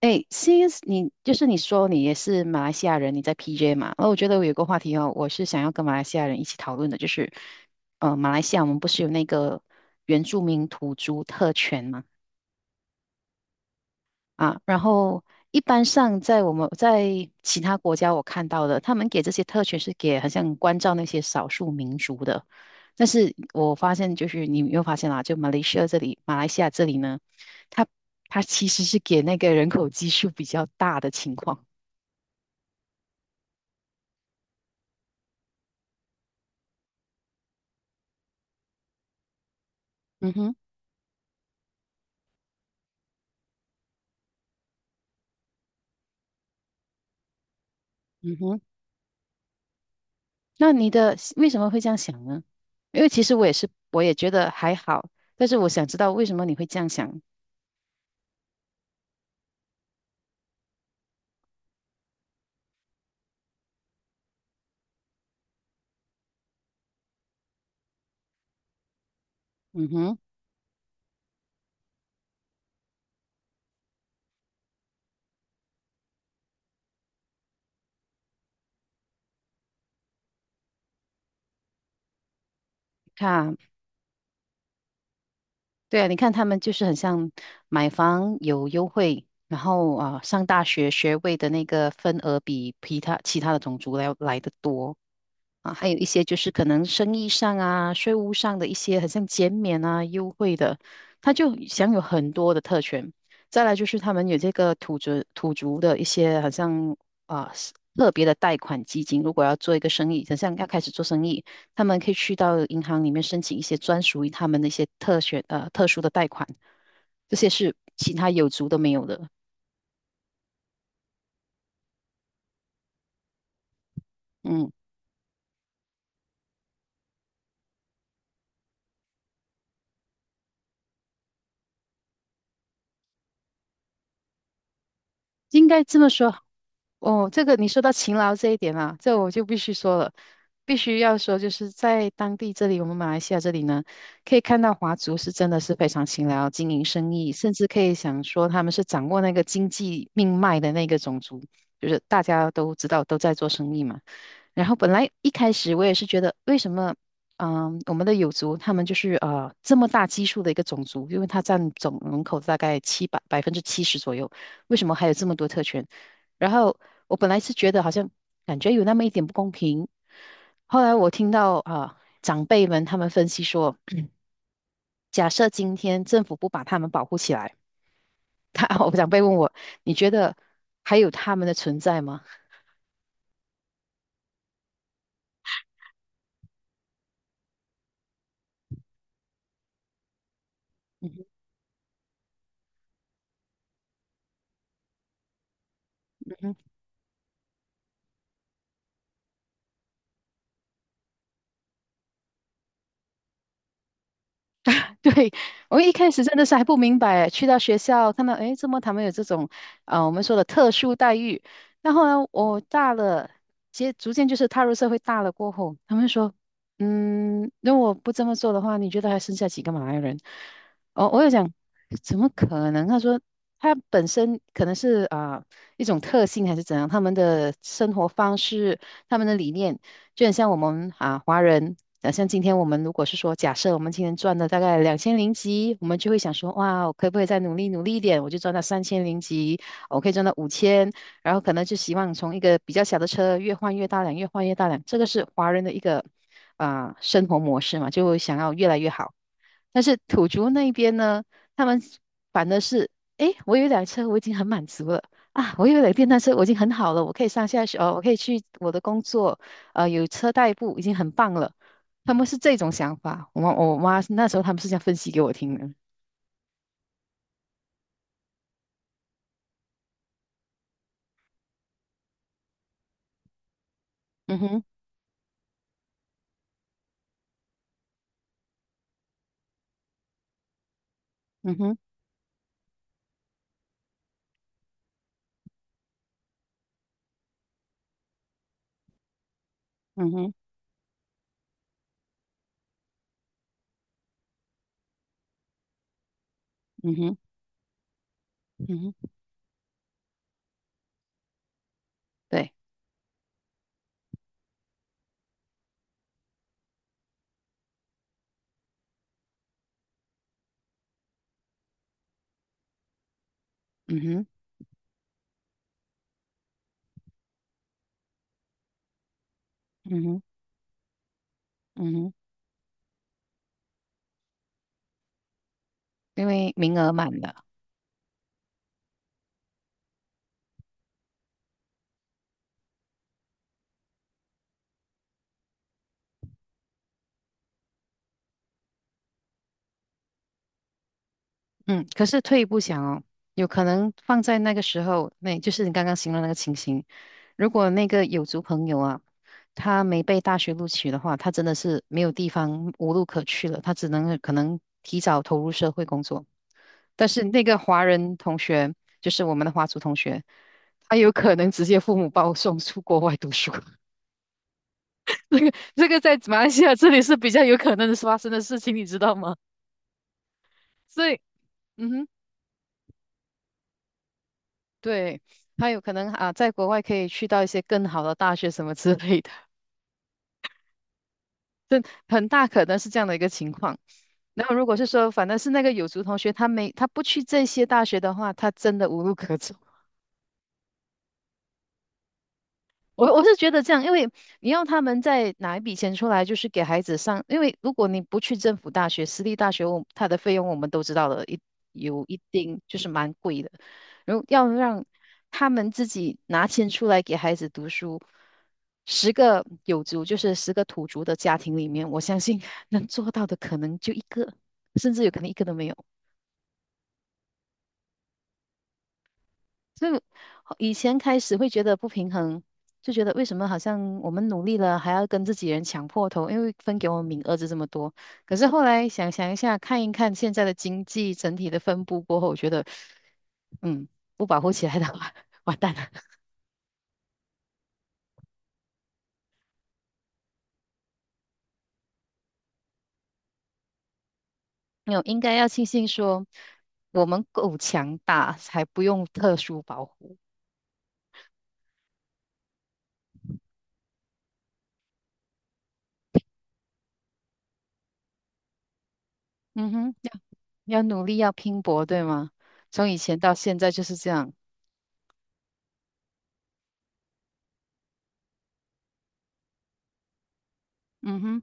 哎，since 你就是你说你也是马来西亚人，你在 PJ 嘛？那我觉得我有个话题哦，我是想要跟马来西亚人一起讨论的，就是马来西亚我们不是有那个原住民土著特权嘛？啊，然后一般上在我们在其他国家我看到的，他们给这些特权是给好像关照那些少数民族的，但是我发现就是你有没有发现啦，就马来西亚这里，马来西亚这里呢，它它其实是给那个人口基数比较大的情况。嗯哼，嗯哼，那你的为什么会这样想呢？因为其实我也是，我也觉得还好，但是我想知道为什么你会这样想。嗯哼，看啊对啊，你看他们就是很像买房有优惠，然后啊，上大学学位的那个份额比其他的种族来的多。啊，还有一些就是可能生意上啊、税务上的一些，很像减免啊、优惠的，他就享有很多的特权。再来就是他们有这个土族的一些，好像啊、特别的贷款基金，如果要做一个生意，想像要开始做生意，他们可以去到银行里面申请一些专属于他们的一些特选特殊的贷款，这些是其他有族都没有的。嗯，应该这么说哦，这个你说到勤劳这一点啊，这我就必须说了，必须要说，就是在当地这里，我们马来西亚这里呢，可以看到华族是真的是非常勤劳，经营生意，甚至可以想说他们是掌握那个经济命脉的那个种族，就是大家都知道都在做生意嘛。然后本来一开始我也是觉得，为什么，嗯，我们的友族他们就是这么大基数的一个种族，因为它占总人口大概七百百分之七十左右，为什么还有这么多特权？然后我本来是觉得好像感觉有那么一点不公平，后来我听到啊、长辈们他们分析说，假设今天政府不把他们保护起来，他 我长辈问我，你觉得还有他们的存在吗？对，我一开始真的是还不明白，去到学校看到，诶，怎么他们有这种，啊，我们说的特殊待遇？然后呢，我大了，接逐渐就是踏入社会大了过后，他们说，嗯，如果不这么做的话，你觉得还剩下几个马来人？哦，我有讲，怎么可能？他说他本身可能是啊、一种特性还是怎样，他们的生活方式、他们的理念，就很像我们啊华人。啊，像今天我们如果是说，假设我们今天赚了大概两千零几，我们就会想说，哇，我可不可以再努力努力一点，我就赚到三千零几，我可以赚到五千，然后可能就希望从一个比较小的车越换越大辆，越换越大辆，这个是华人的一个啊、生活模式嘛，就想要越来越好。但是土族那边呢，他们反的是，诶，我有一辆车，我已经很满足了啊，我有一辆电单车，我已经很好了，我可以上下学，哦，我可以去我的工作，有车代步，已经很棒了。他们是这种想法，我妈那时候他们是这样分析给我听的。嗯哼，嗯哼，嗯哼，嗯哼，嗯哼，对，嗯哼，嗯哼，嗯哼，因为名额满了。嗯，可是退一步想哦，有可能放在那个时候，那就是你刚刚形容那个情形，如果那个有族朋友啊，他没被大学录取的话，他真的是没有地方无路可去了，他只能可能提早投入社会工作。但是那个华人同学，就是我们的华族同学，他有可能直接父母把我送出国外读书，这个在马来西亚这里是比较有可能是发生的事情，你知道吗？所以，嗯哼。对，他有可能啊，在国外可以去到一些更好的大学什么之类的，很大可能是这样的一个情况。然后如果是说，反正是那个有族同学，他没他不去这些大学的话，他真的无路可走。我是觉得这样，因为你要他们再拿一笔钱出来，就是给孩子上，因为如果你不去政府大学、私立大学，我它的费用我们都知道了，一有一定就是蛮贵的。然后要让他们自己拿钱出来给孩子读书，十个有族就是十个土族的家庭里面，我相信 能做到的可能就一个，甚至有可能一个都没有。所以以前开始会觉得不平衡，就觉得为什么好像我们努力了，还要跟自己人抢破头，因为分给我们名额就这么多。可是后来想想一下，看一看现在的经济整体的分布过后，我觉得，嗯，不保护起来的话，完蛋了。没有，应该要庆幸说我们够强大，才不用特殊保护。嗯哼，要努力，要拼搏，对吗？从以前到现在就是这样。嗯哼。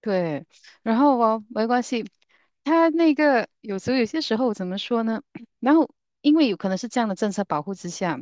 对，然后哦，没关系，他那个有时候有些时候怎么说呢？然后因为有可能是这样的政策保护之下。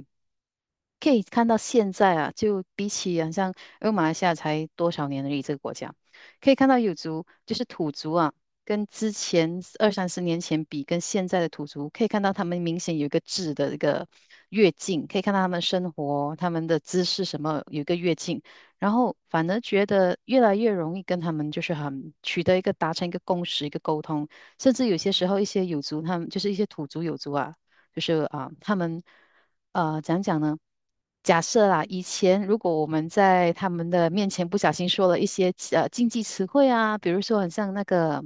可以看到现在啊，就比起好像因为马来西亚才多少年而已，这个国家可以看到有族就是土族啊，跟之前二三十年前比，跟现在的土族可以看到他们明显有一个质的一个跃进，可以看到他们生活、他们的姿势什么有一个跃进，然后反而觉得越来越容易跟他们就是很取得一个达成一个共识、一个沟通，甚至有些时候一些有族他们就是一些土族有族啊。就是啊、他们讲讲呢？假设啦，以前如果我们在他们的面前不小心说了一些禁忌词汇啊，比如说很像那个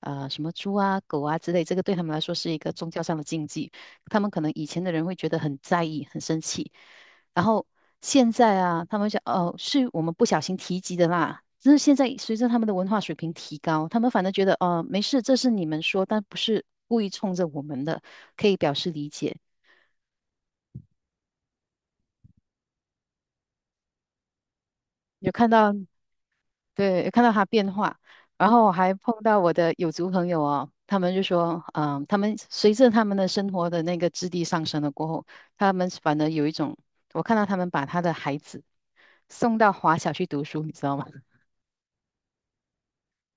什么猪啊、狗啊之类，这个对他们来说是一个宗教上的禁忌，他们可能以前的人会觉得很在意、很生气。然后现在啊，他们想哦，是我们不小心提及的啦。但是现在随着他们的文化水平提高，他们反而觉得哦，没事，这是你们说，但不是故意冲着我们的，可以表示理解。有看到，对，有看到他变化。然后我还碰到我的有族朋友哦，他们就说，嗯，他们随着他们的生活的那个质地上升了过后，他们反而有一种，我看到他们把他的孩子送到华小去读书，你知道吗？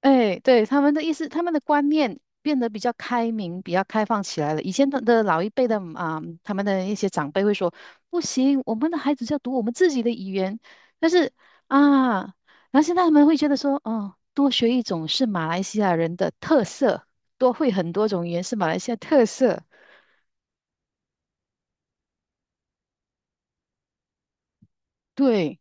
哎，对，他们的意思，他们的观念变得比较开明、比较开放起来了。以前的老一辈的啊、他们的一些长辈会说，不行，我们的孩子就要读我们自己的语言。但是啊，然后现在他们会觉得说，哦，多学一种是马来西亚人的特色，多会很多种语言是马来西亚特色。对。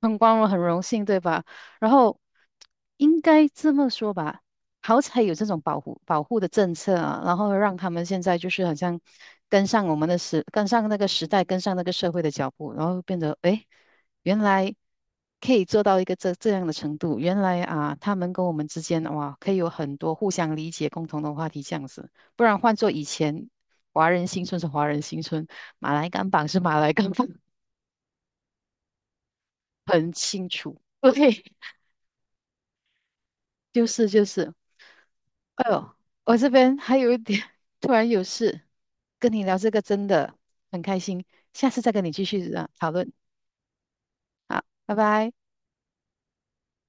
很光荣，很荣幸，对吧？然后应该这么说吧，好彩有这种保护的政策啊，然后让他们现在就是好像跟上我们的时，跟上那个时代，跟上那个社会的脚步，然后变得诶，原来可以做到一个这样的程度，原来啊，他们跟我们之间哇，可以有很多互相理解、共同的话题这样子，不然换做以前，华人新村是华人新村，马来甘榜是马来甘榜，很清楚，对。就是就是，哎呦，我这边还有一点 突然有事，跟你聊这个真的很开心，下次再跟你继续啊讨论，好，拜拜。